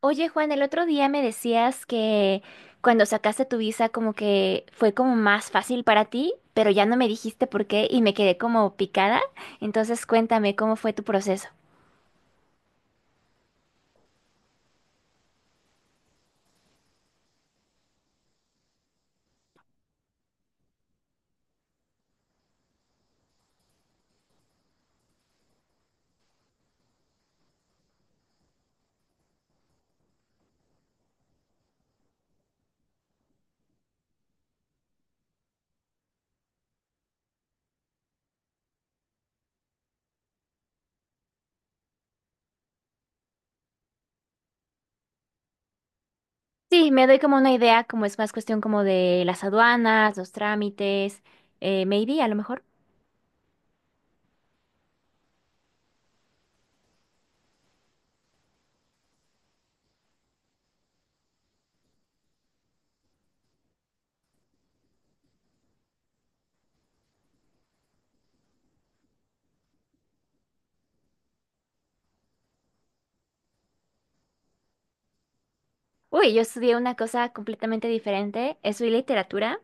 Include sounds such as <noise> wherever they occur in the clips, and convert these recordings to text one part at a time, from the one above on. Oye, Juan, el otro día me decías que cuando sacaste tu visa como que fue como más fácil para ti, pero ya no me dijiste por qué y me quedé como picada. Entonces cuéntame cómo fue tu proceso. Sí, me doy como una idea, como es más cuestión como de las aduanas, los trámites, maybe a lo mejor. Uy, yo estudié una cosa completamente diferente, estudié literatura.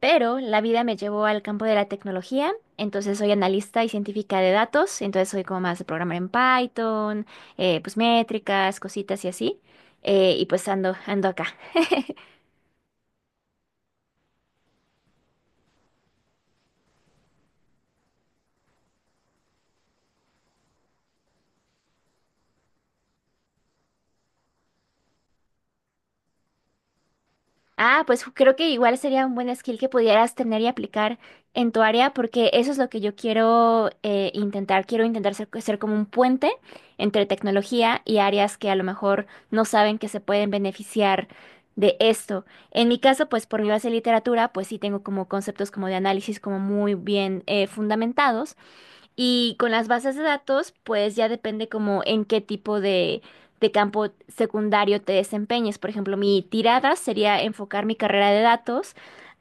Pero la vida me llevó al campo de la tecnología, entonces soy analista y científica de datos, entonces soy como más de programar en Python, pues métricas, cositas y así, y pues ando acá. Ah, pues creo que igual sería un buen skill que pudieras tener y aplicar en tu área, porque eso es lo que yo quiero intentar. Quiero intentar ser como un puente entre tecnología y áreas que a lo mejor no saben que se pueden beneficiar de esto. En mi caso, pues por mi base de literatura, pues sí tengo como conceptos como de análisis como muy bien fundamentados, y con las bases de datos, pues ya depende como en qué tipo de campo secundario te desempeñes. Por ejemplo, mi tirada sería enfocar mi carrera de datos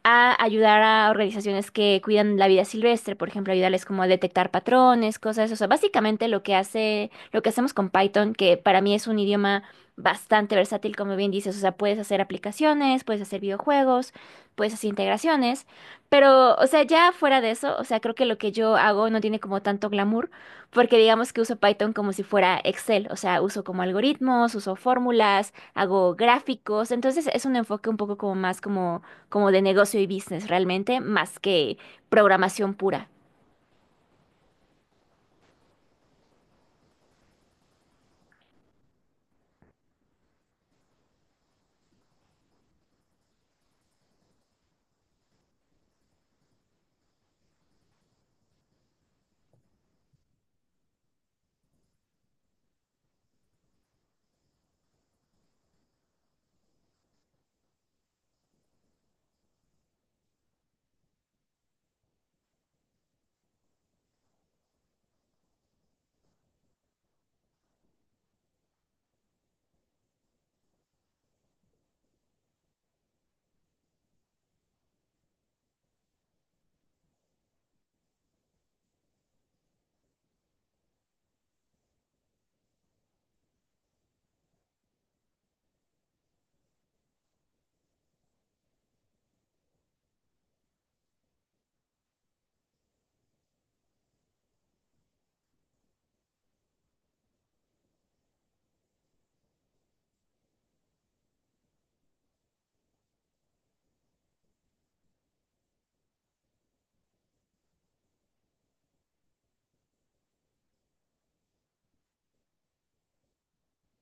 a ayudar a organizaciones que cuidan la vida silvestre, por ejemplo, ayudarles como a detectar patrones, cosas, o sea, básicamente lo que hace, lo que hacemos con Python, que para mí es un idioma bastante versátil, como bien dices, o sea, puedes hacer aplicaciones, puedes hacer videojuegos, puedes hacer integraciones. Pero, o sea, ya fuera de eso, o sea, creo que lo que yo hago no tiene como tanto glamour, porque digamos que uso Python como si fuera Excel, o sea, uso como algoritmos, uso fórmulas, hago gráficos, entonces es un enfoque un poco como como de negocio y business realmente, más que programación pura.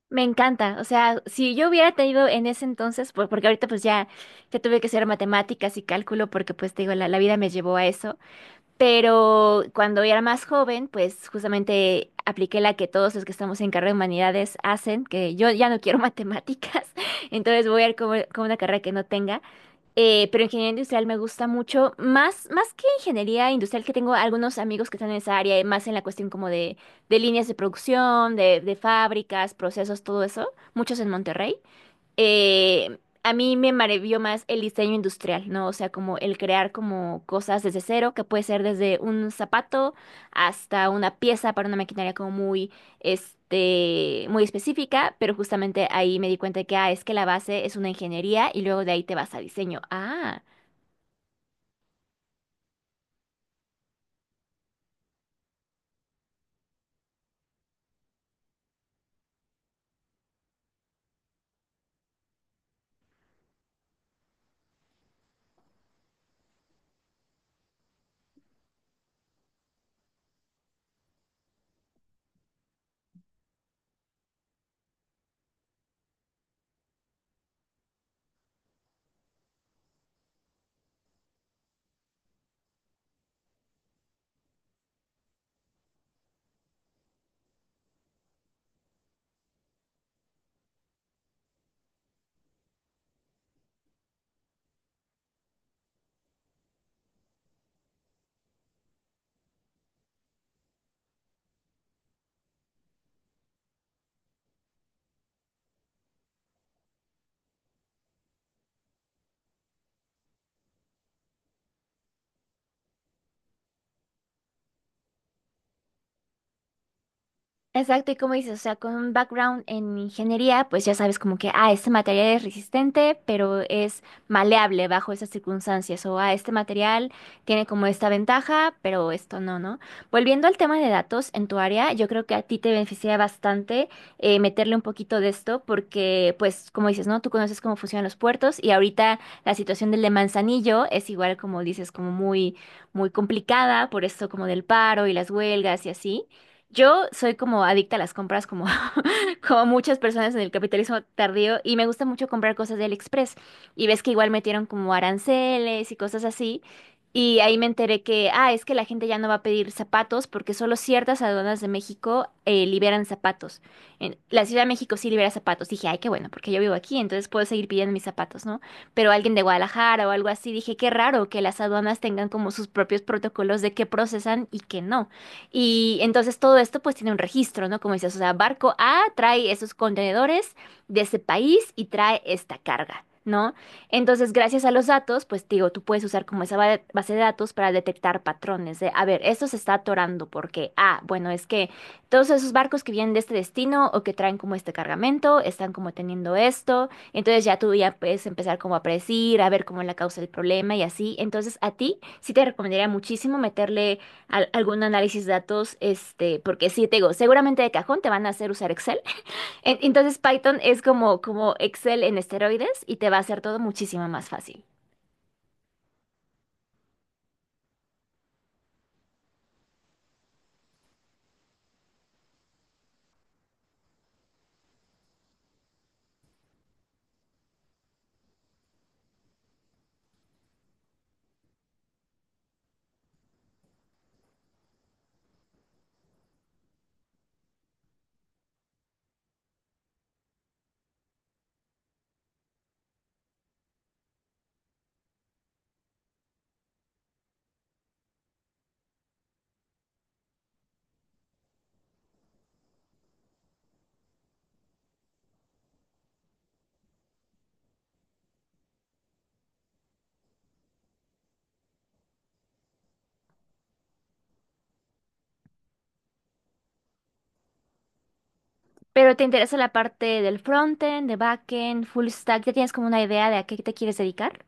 Me encanta, o sea, si yo hubiera tenido en ese entonces, pues porque ahorita pues ya, ya tuve que hacer matemáticas y cálculo porque pues te digo, la vida me llevó a eso. Pero cuando era más joven, pues justamente apliqué la que todos los que estamos en carrera de humanidades hacen, que yo ya no quiero <laughs> matemáticas, entonces voy a ir como una carrera que no tenga. Pero ingeniería industrial me gusta mucho, más que ingeniería industrial, que tengo algunos amigos que están en esa área, y más en la cuestión como de líneas de producción, de fábricas, procesos, todo eso, muchos en Monterrey. eh, a mí me maravilló más el diseño industrial, ¿no? O sea, como el crear como cosas desde cero, que puede ser desde un zapato hasta una pieza para una maquinaria como muy, muy específica, pero justamente ahí me di cuenta de que, ah, es que la base es una ingeniería y luego de ahí te vas a diseño. Ah. Exacto, y como dices, o sea, con un background en ingeniería, pues ya sabes como que, ah, este material es resistente, pero es maleable bajo esas circunstancias, o ah, este material tiene como esta ventaja, pero esto no, ¿no? Volviendo al tema de datos en tu área, yo creo que a ti te beneficia bastante meterle un poquito de esto, porque pues como dices, ¿no? Tú conoces cómo funcionan los puertos y ahorita la situación del de Manzanillo es igual como dices, como muy, muy complicada por esto como del paro y las huelgas y así. Yo soy como adicta a las compras, como, <laughs> como muchas personas en el capitalismo tardío, y me gusta mucho comprar cosas de AliExpress. Y ves que igual metieron como aranceles y cosas así. Y ahí me enteré que, ah, es que la gente ya no va a pedir zapatos porque solo ciertas aduanas de México liberan zapatos. La Ciudad de México sí libera zapatos. Dije, ay, qué bueno, porque yo vivo aquí, entonces puedo seguir pidiendo mis zapatos, ¿no? Pero alguien de Guadalajara o algo así, dije, qué raro que las aduanas tengan como sus propios protocolos de qué procesan y qué no. Y entonces todo esto pues tiene un registro, ¿no? Como dices, o sea, barco A trae esos contenedores de ese país y trae esta carga, ¿no? Entonces, gracias a los datos, pues digo, tú puedes usar como esa base de datos para detectar patrones de, a ver, esto se está atorando porque, ah, bueno, es que todos esos barcos que vienen de este destino o que traen como este cargamento, están como teniendo esto, entonces ya tú ya puedes empezar como a predecir, a ver cómo es la causa del problema y así. Entonces, a ti sí te recomendaría muchísimo meterle algún análisis de datos, este, porque sí, te digo, seguramente de cajón te van a hacer usar Excel. <laughs> Entonces Python es como Excel en esteroides y te va a hacer todo muchísimo más fácil. Pero te interesa la parte del frontend, de backend, full stack, ¿ya tienes como una idea de a qué te quieres dedicar?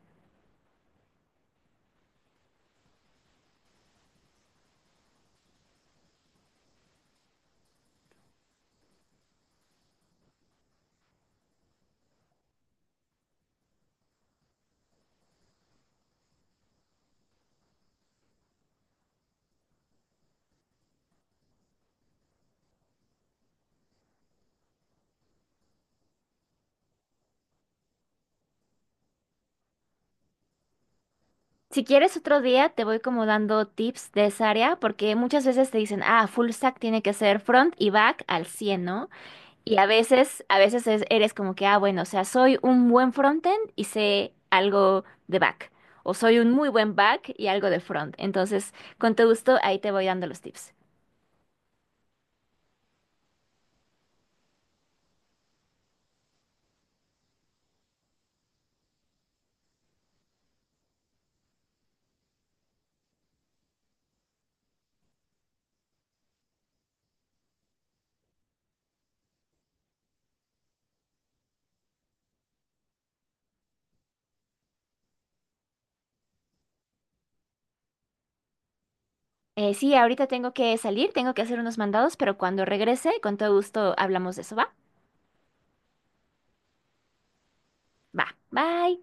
Si quieres otro día, te voy como dando tips de esa área, porque muchas veces te dicen, ah, full stack tiene que ser front y back al 100, ¿no? Y a veces, eres como que, ah, bueno, o sea, soy un buen frontend y sé algo de back. O soy un muy buen back y algo de front. Entonces, con todo gusto, ahí te voy dando los tips. Sí, ahorita tengo que salir, tengo que hacer unos mandados, pero cuando regrese, con todo gusto hablamos de eso, ¿va? Va, bye.